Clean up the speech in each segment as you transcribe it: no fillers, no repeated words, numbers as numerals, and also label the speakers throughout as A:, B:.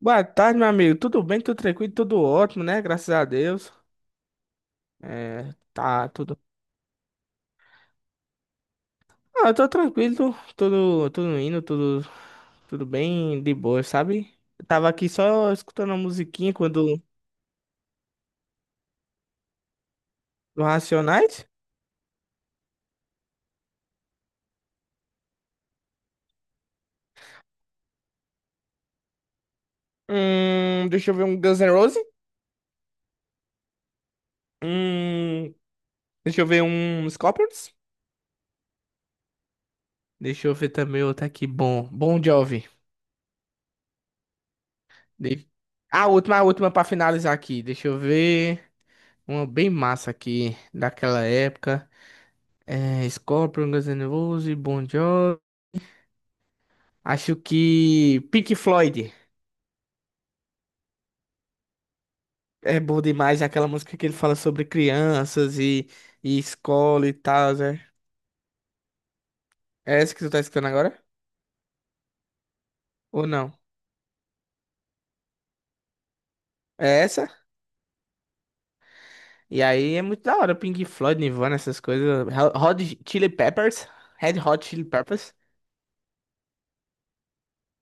A: Boa tarde, meu amigo. Tudo bem? Tudo tranquilo? Tudo ótimo, né? Graças a Deus. É, tá tudo. Ah, eu tô tranquilo, tudo indo, tudo bem de boa, sabe? Eu tava aqui só escutando a musiquinha quando do Racionais. Deixa eu ver um Guns N' Roses. Hum, deixa eu ver um Scorpions. Deixa eu ver também outro aqui bom. Bom Jovi. De... Ah, a última pra finalizar aqui. Deixa eu ver uma bem massa aqui daquela época. É, Scorpion, Guns N' Roses, Bon Jovi. Acho que Pink Floyd é bom demais, é aquela música que ele fala sobre crianças e escola e tal, né? É essa que tu tá escutando agora? Ou não? É essa? E aí é muito da hora, Pink Floyd, Nirvana, essas coisas. Hot Chili Peppers, Red Hot Chili Peppers.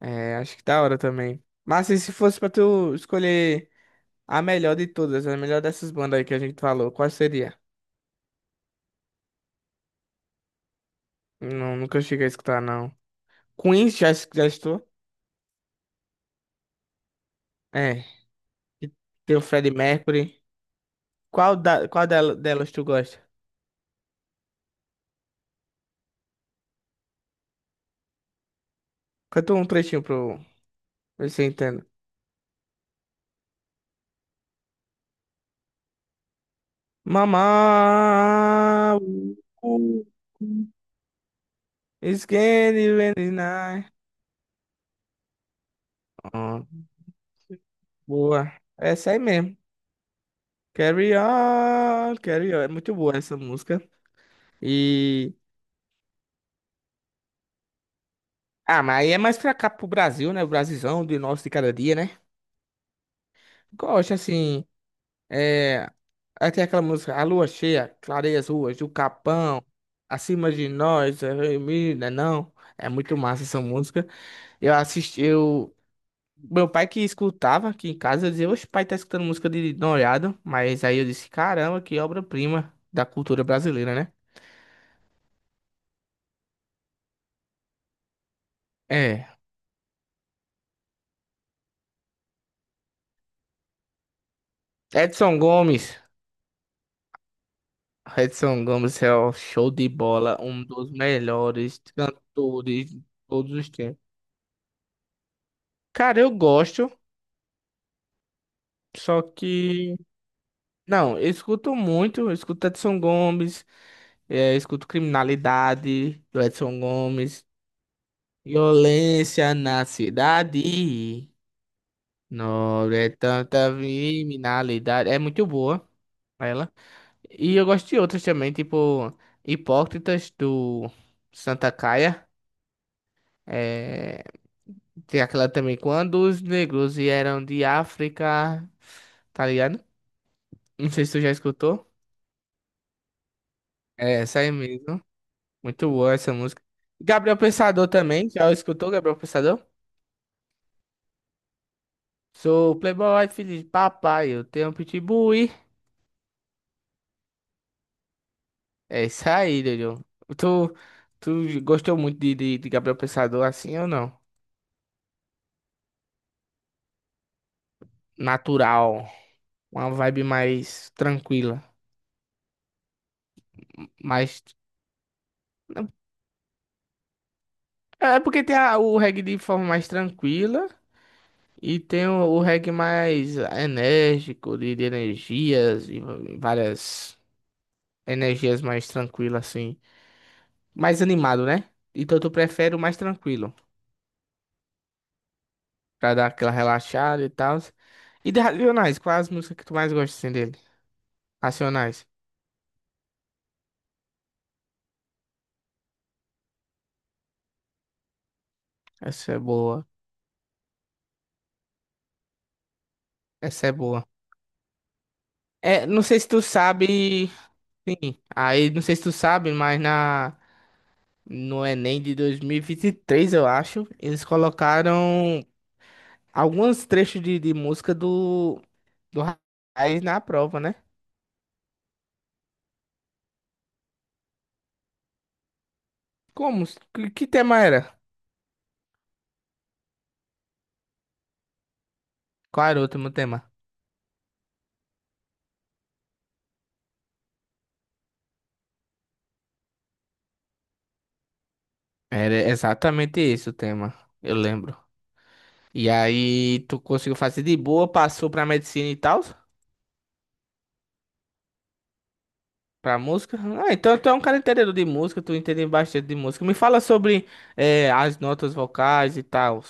A: É, acho que da hora também. Mas e se fosse pra tu escolher a melhor de todas, a melhor dessas bandas aí que a gente falou, qual seria? Não, nunca cheguei a escutar, não. Queens já, já estou. É. E tem o Freddie Mercury. Qual, da, qual dela- Delas tu gosta? Canta um trechinho pro ver se eu entendo. Mamá. Uh, It's candy when it's night. Ó, boa. Essa aí mesmo. Carry on, carry on. É muito boa essa música. E. Ah, mas aí é mais pra cá pro Brasil, né? O Brasilzão de nosso de cada dia, né? Gosto, assim. É, aí tem aquela música, a lua cheia, clareia as ruas do Capão, acima de nós, é, menina, não. É muito massa essa música. Eu assisti, eu... Meu pai que escutava aqui em casa eu dizia, oxe, pai tá escutando música de Noriado. Mas aí eu disse, caramba, que obra-prima da cultura brasileira, né? É. Edson Gomes. Edson Gomes é o show de bola, um dos melhores cantores de todos os tempos. Cara, eu gosto, só que não, eu escuto muito, eu escuto Edson Gomes, eu escuto Criminalidade do Edson Gomes, Violência na Cidade, não é tanta criminalidade, é muito boa ela. E eu gosto de outras também, tipo Hipócritas do Santa Caia, eh, tem aquela também, Quando os Negros Vieram de África, tá ligado? Não sei se tu já escutou. É, essa aí mesmo. Muito boa essa música. Gabriel Pensador também, já escutou Gabriel Pensador? Sou playboy, filho de papai, eu tenho um pitbull. É isso aí, Dojo. Tu, tu gostou muito de Gabriel Pensador assim ou não? Natural, uma vibe mais tranquila, mais... É porque tem o reggae de forma mais tranquila e tem o reggae mais enérgico, de energias, e várias energias mais tranquilas assim. Mais animado, né? Então tu prefere o mais tranquilo, pra dar aquela relaxada e tal. E de Racionais, qual é as músicas que tu mais gosta assim, dele? Racionais. Essa é boa. Essa é boa. É, não sei se tu sabe. Sim, aí não sei se tu sabe, mas na no Enem de 2023, eu acho, eles colocaram alguns trechos de música do Racionais na prova, né? Como? Que tema era? Qual era o último tema? Era exatamente esse o tema, eu lembro. E aí tu conseguiu fazer de boa, passou pra medicina e tal, pra música. Ah, então tu é um cara entendedor de música, tu entende bastante de música. Me fala sobre as notas vocais e tal.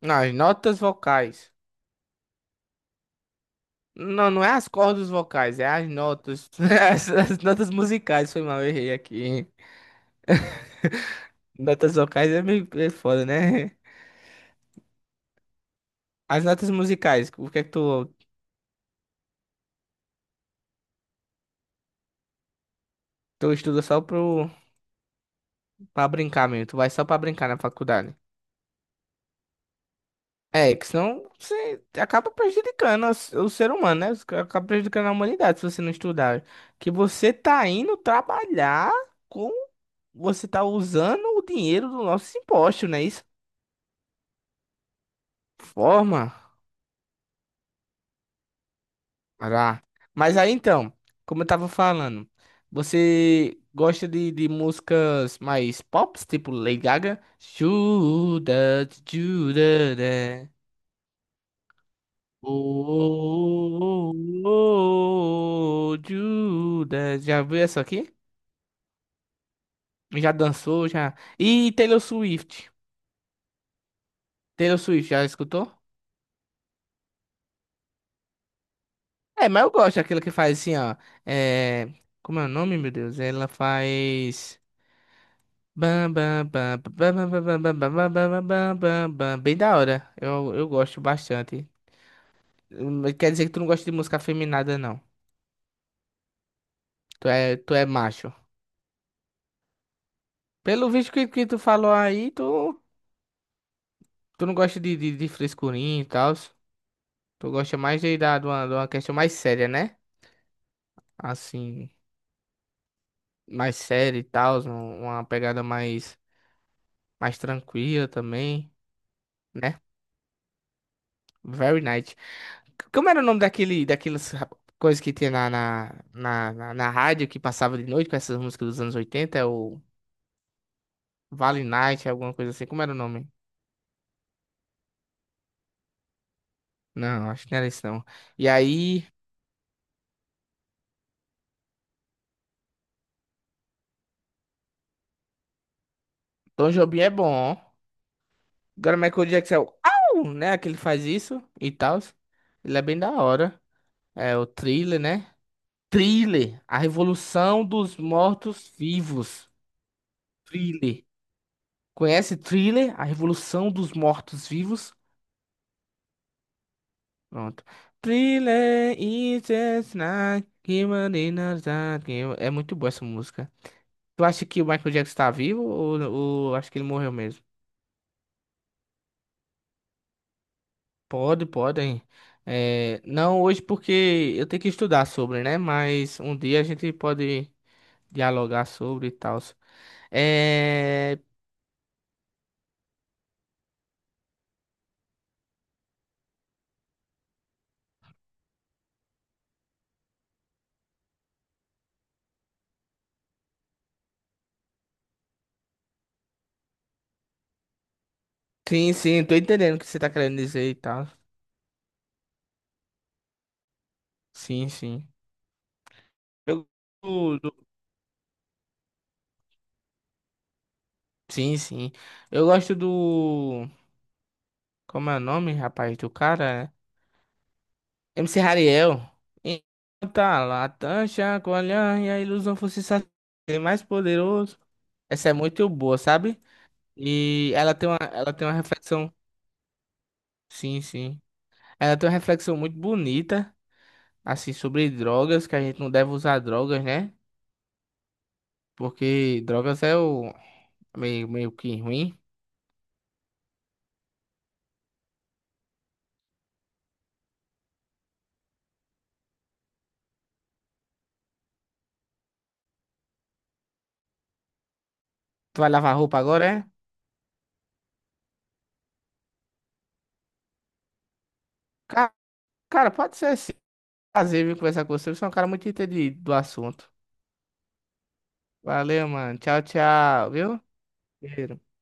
A: Não, as notas vocais. Não, não é as cordas vocais, é as notas. As notas musicais, foi mal, eu errei aqui. Notas vocais é meio é foda, né? As notas musicais, o que é que tu, tu estuda só pro, pra brincar mesmo? Tu vai só pra brincar na faculdade. É, que senão você acaba prejudicando o ser humano, né? Você acaba prejudicando a humanidade se você não estudar. Que você tá indo trabalhar com. Você tá usando o dinheiro do nosso imposto, né? Isso forma. Ará. Mas aí então, como eu tava falando, você gosta de músicas mais pop, tipo Lady Gaga? Judas, Judas, né? Oh, oh, oh, oh, Judas. Já viu essa aqui? Já dançou, já. E Taylor Swift. Taylor Swift, já escutou? É, mas eu gosto daquela que faz assim, ó. É... Como é o nome, meu Deus? Ela faz. Bam, bam, bam, bam, bam, bam, bam, bam, bam, bam, bam, bam, bam. Bem da hora. Eu gosto bastante. Quer dizer que tu não gosta de música afeminada, não. Tu é macho. Pelo visto que tu falou aí, tu. Tu não gosta de frescurinha e tal? Tu gosta mais uma, de uma questão mais séria, né? Assim, mais séria e tal, uma pegada mais, mais tranquila também, né? Very nice. Como era o nome daquele, daquelas coisas que tinha na rádio que passava de noite com essas músicas dos anos oitenta. É o Vale Night, alguma coisa assim. Como era o nome? Não, acho que não era isso não. E aí, Tom Jobim é bom. Agora, Michael Jackson é o... Au! Né? Que ele faz isso e tal. Ele é bem da hora. É o Thriller, né? Thriller. A Revolução dos Mortos-Vivos. Thriller. Conhece Thriller? A Revolução dos Mortos-Vivos? Pronto. Thriller is just like human in a dark game. É muito boa essa música. Tu acha que o Michael Jackson tá vivo ou acho que ele morreu mesmo? Pode, podem. É, não hoje porque eu tenho que estudar sobre, né? Mas um dia a gente pode dialogar sobre e tal. É, sim, tô entendendo o que você tá querendo dizer e tal. Sim, sim. Eu, do- do- sim, sim. Eu gosto do. Como é o nome, rapaz, do cara? MC Hariel. Tá lá, tancha, colhão e a ilusão fosse satisfazer mais poderoso. Essa é muito boa, sabe? E ela tem uma reflexão, sim, sim. Ela tem uma reflexão muito bonita, assim, sobre drogas, que a gente não deve usar drogas, né? Porque drogas é o meio, meio que ruim. Tu vai lavar roupa agora, é? Ca- Cara, pode ser assim. Prazer vir conversar com você. Você é um cara muito entendido do assunto. Valeu, mano. Tchau, tchau, viu? Cheiro.